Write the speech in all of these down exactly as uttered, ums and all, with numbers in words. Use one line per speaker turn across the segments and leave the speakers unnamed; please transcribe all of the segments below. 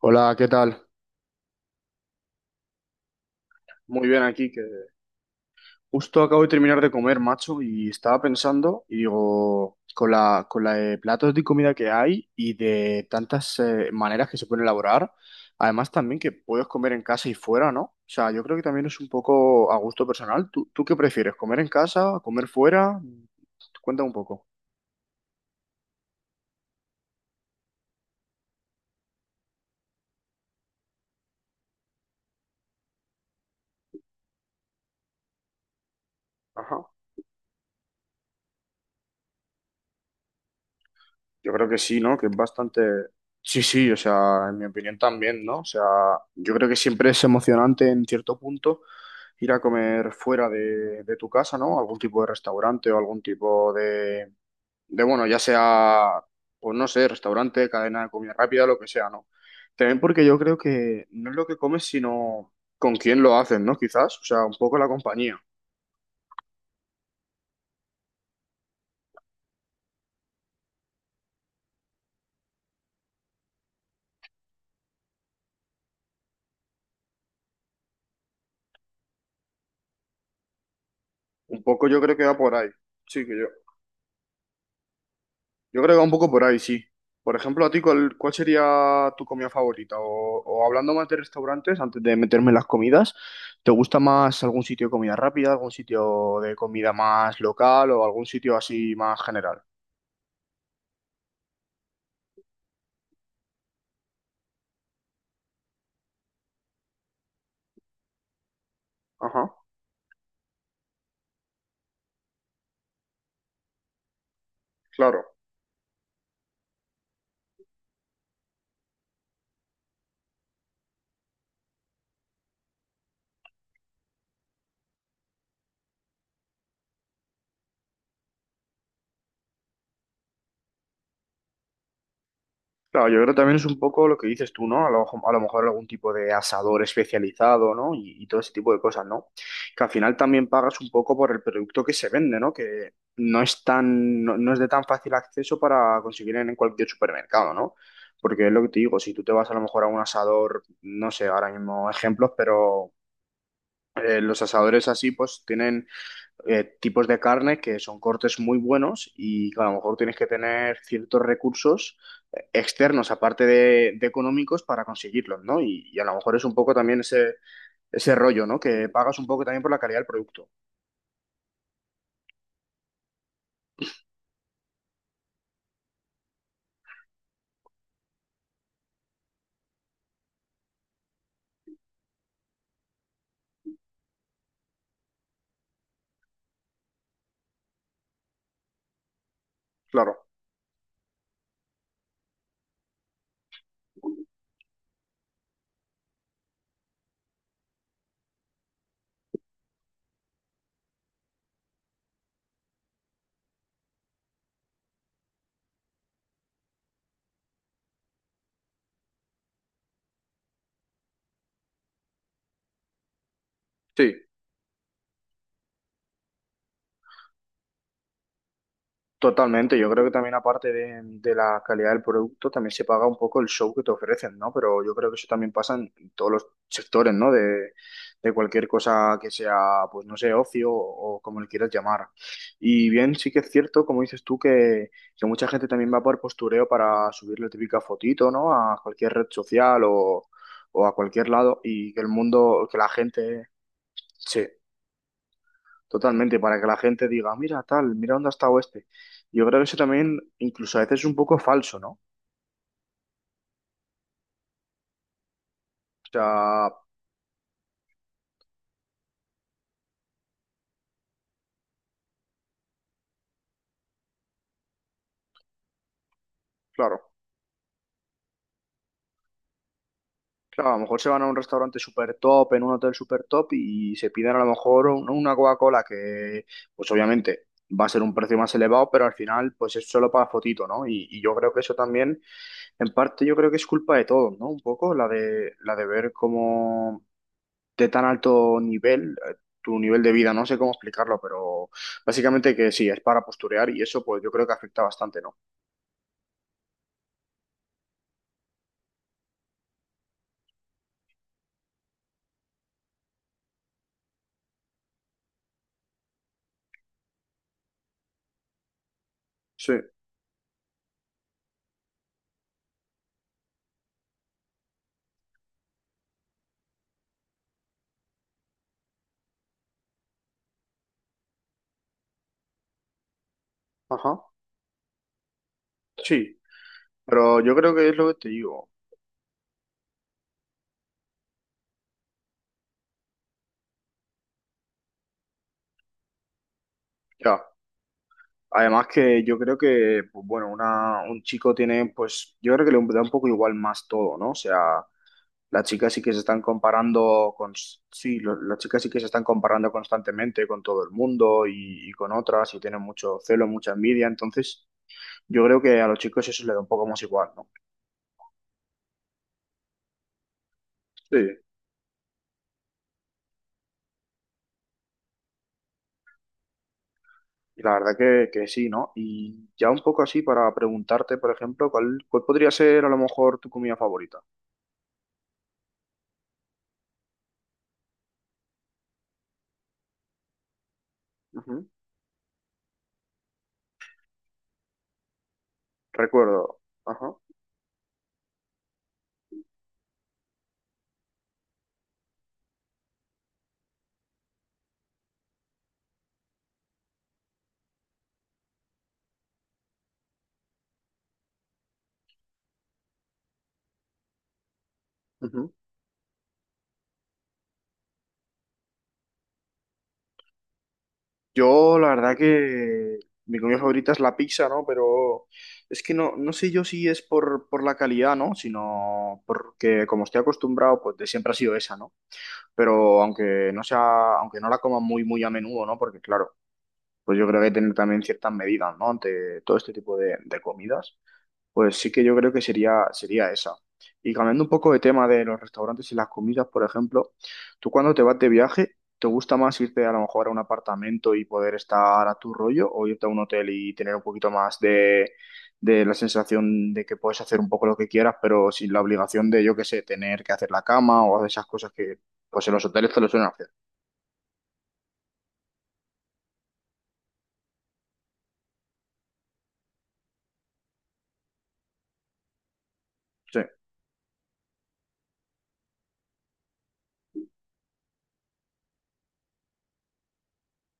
Hola, ¿qué tal? Muy bien aquí, que justo acabo de terminar de comer, macho, y estaba pensando, y digo, con la, con la de platos de comida que hay y de tantas eh, maneras que se pueden elaborar, además también que puedes comer en casa y fuera, ¿no? O sea, yo creo que también es un poco a gusto personal. ¿Tú, tú qué prefieres? ¿Comer en casa? ¿Comer fuera? Cuéntame un poco. Ajá. Yo creo que sí, ¿no? Que es bastante. Sí, sí, o sea, en mi opinión también, ¿no? O sea, yo creo que siempre es emocionante en cierto punto ir a comer fuera de, de tu casa, ¿no? Algún tipo de restaurante o algún tipo de, de, bueno, ya sea, pues no sé, restaurante, cadena de comida rápida, lo que sea, ¿no? También porque yo creo que no es lo que comes, sino con quién lo haces, ¿no? Quizás, o sea, un poco la compañía. Un poco yo creo que va por ahí. Sí, que yo. Yo creo que va un poco por ahí, sí. Por ejemplo, a ti, ¿cuál, cuál sería tu comida favorita? O, o hablando más de restaurantes, antes de meterme en las comidas, ¿te gusta más algún sitio de comida rápida, algún sitio de comida más local o algún sitio así más general? Ajá, claro. Claro, yo creo que también es un poco lo que dices tú, ¿no? A lo, a lo mejor algún tipo de asador especializado, ¿no? Y, y todo ese tipo de cosas, ¿no? Que al final también pagas un poco por el producto que se vende, ¿no? Que no es tan, no, no es de tan fácil acceso para conseguir en cualquier supermercado, ¿no? Porque es lo que te digo, si tú te vas a lo mejor a un asador, no sé, ahora mismo ejemplos, pero eh, los asadores así, pues tienen eh, tipos de carne que son cortes muy buenos y que a lo mejor tienes que tener ciertos recursos eh, externos, aparte de, de económicos, para conseguirlos, ¿no? Y, y a lo mejor es un poco también ese, ese rollo, ¿no? Que pagas un poco también por la calidad del producto. Claro. Sí, totalmente, yo creo que también aparte de, de la calidad del producto, también se paga un poco el show que te ofrecen, ¿no? Pero yo creo que eso también pasa en todos los sectores, ¿no? De, de cualquier cosa que sea, pues no sé, ocio o, como le quieras llamar. Y bien, sí que es cierto, como dices tú, que, que mucha gente también va por postureo para subir la típica fotito, ¿no? A cualquier red social o, o a cualquier lado y que el mundo, que la gente. Sí. Totalmente, para que la gente diga, mira tal, mira dónde ha estado este. Yo creo que eso también, incluso a veces es un poco falso, ¿no? O sea, claro, claro, a lo mejor se van a un restaurante súper top, en un hotel súper top y se piden a lo mejor un- una Coca-Cola que, pues obviamente va a ser un precio más elevado, pero al final, pues es solo para fotito, ¿no? Y, y yo creo que eso también, en parte, yo creo que es culpa de todos, ¿no? Un poco la de, la de ver cómo de tan alto nivel, eh, tu nivel de vida, no sé cómo explicarlo, pero básicamente que sí, es para posturear y eso pues yo creo que afecta bastante, ¿no? Sí, ajá, sí, pero yo creo que es lo que te digo, ya. Además que yo creo que, pues bueno, una, un chico tiene, pues yo creo que le da un poco igual más todo, ¿no? O sea, las chicas sí que se están comparando con, sí, lo- las chicas sí que se están comparando constantemente con todo el mundo y, y con otras y tienen mucho celo, mucha envidia, entonces. Yo creo que a los chicos eso les da un poco más igual, ¿no? Sí. Y la verdad que, que sí, ¿no? Y ya un poco así para preguntarte, por ejemplo, ¿cuál, cuál podría ser a lo mejor tu comida favorita? Ujú, recuerdo, ajá. Ujú. Yo la verdad que mi comida favorita es la pizza, ¿no? Pero es que no, no sé yo si es por, por la calidad, ¿no? Sino porque como estoy acostumbrado, pues de siempre ha sido esa, ¿no? Pero aunque no sea, aunque no la coma muy, muy a menudo, ¿no? Porque claro, pues yo creo que hay que tener también ciertas medidas, ¿no? Ante todo este tipo de, de comidas, pues sí que yo creo que sería, sería esa. Y cambiando un poco de tema de los restaurantes y las comidas, por ejemplo, tú cuando te vas de viaje, ¿te gusta más irte a lo mejor a un apartamento y poder estar a tu rollo o irte a un hotel y tener un poquito más de, de la sensación de que puedes hacer un poco lo que quieras, pero sin la obligación de, yo qué sé, tener que hacer la cama o esas cosas que pues en los hoteles te lo suelen hacer?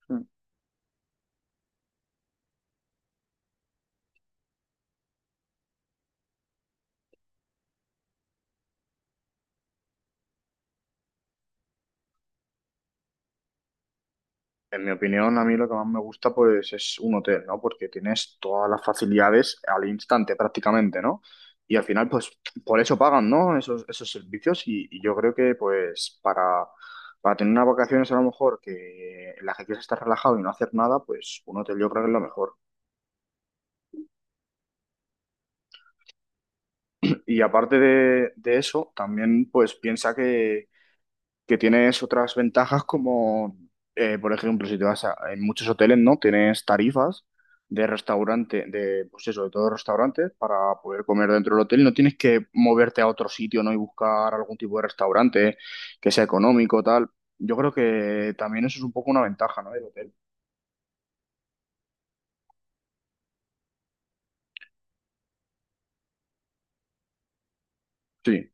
Sí. En mi opinión, a mí lo que más me gusta pues es un hotel, ¿no? Porque tienes todas las facilidades al instante prácticamente, ¿no? Y al final pues por eso pagan, ¿no? Esos, esos servicios y, y yo creo que pues para, para tener unas vacaciones a lo mejor que en las que quieres estar relajado y no hacer nada, pues un hotel yo creo que es lo mejor. Y aparte de, de eso, también pues piensa que que tienes otras ventajas como, eh, por ejemplo, si te vas a, en muchos hoteles, ¿no? Tienes tarifas de restaurante, de, pues eso, de todos los restaurantes para poder comer dentro del hotel. No tienes que moverte a otro sitio, ¿no? Y buscar algún tipo de restaurante que sea económico, tal. Yo creo que también eso es un poco una ventaja, ¿no? Del hotel. Sí.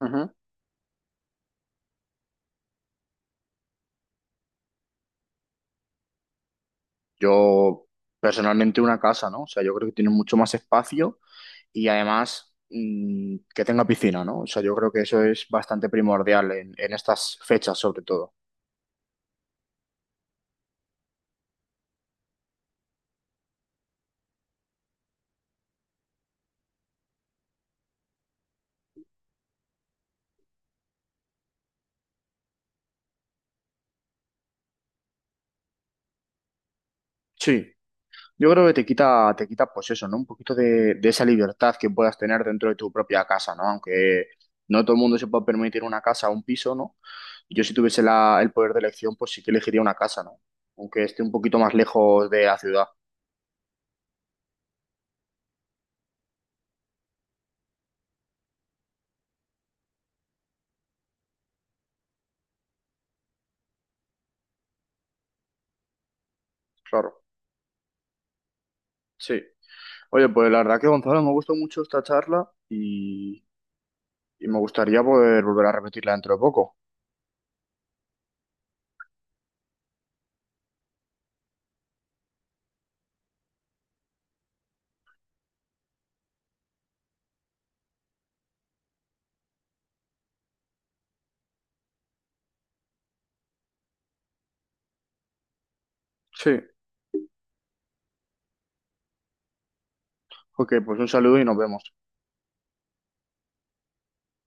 Ujú. Yo personalmente una casa, ¿no? O sea, yo creo que tiene mucho más espacio y además mm, que tenga piscina, ¿no? O sea, yo creo que eso es bastante primordial en, en estas fechas, sobre todo. Sí, yo creo que te quita, te quita, pues eso, ¿no? Un poquito de, de esa libertad que puedas tener dentro de tu propia casa, ¿no? Aunque no todo el mundo se pueda permitir una casa o un piso, ¿no? Yo si tuviese la- el poder de elección, pues sí que elegiría una casa, ¿no? Aunque esté un poquito más lejos de la ciudad, claro. Sí. Oye, pues la verdad que Gonzalo, me gustó mucho esta charla y, y me gustaría poder volver a repetirla dentro de poco. Sí, ok, pues un saludo y nos vemos.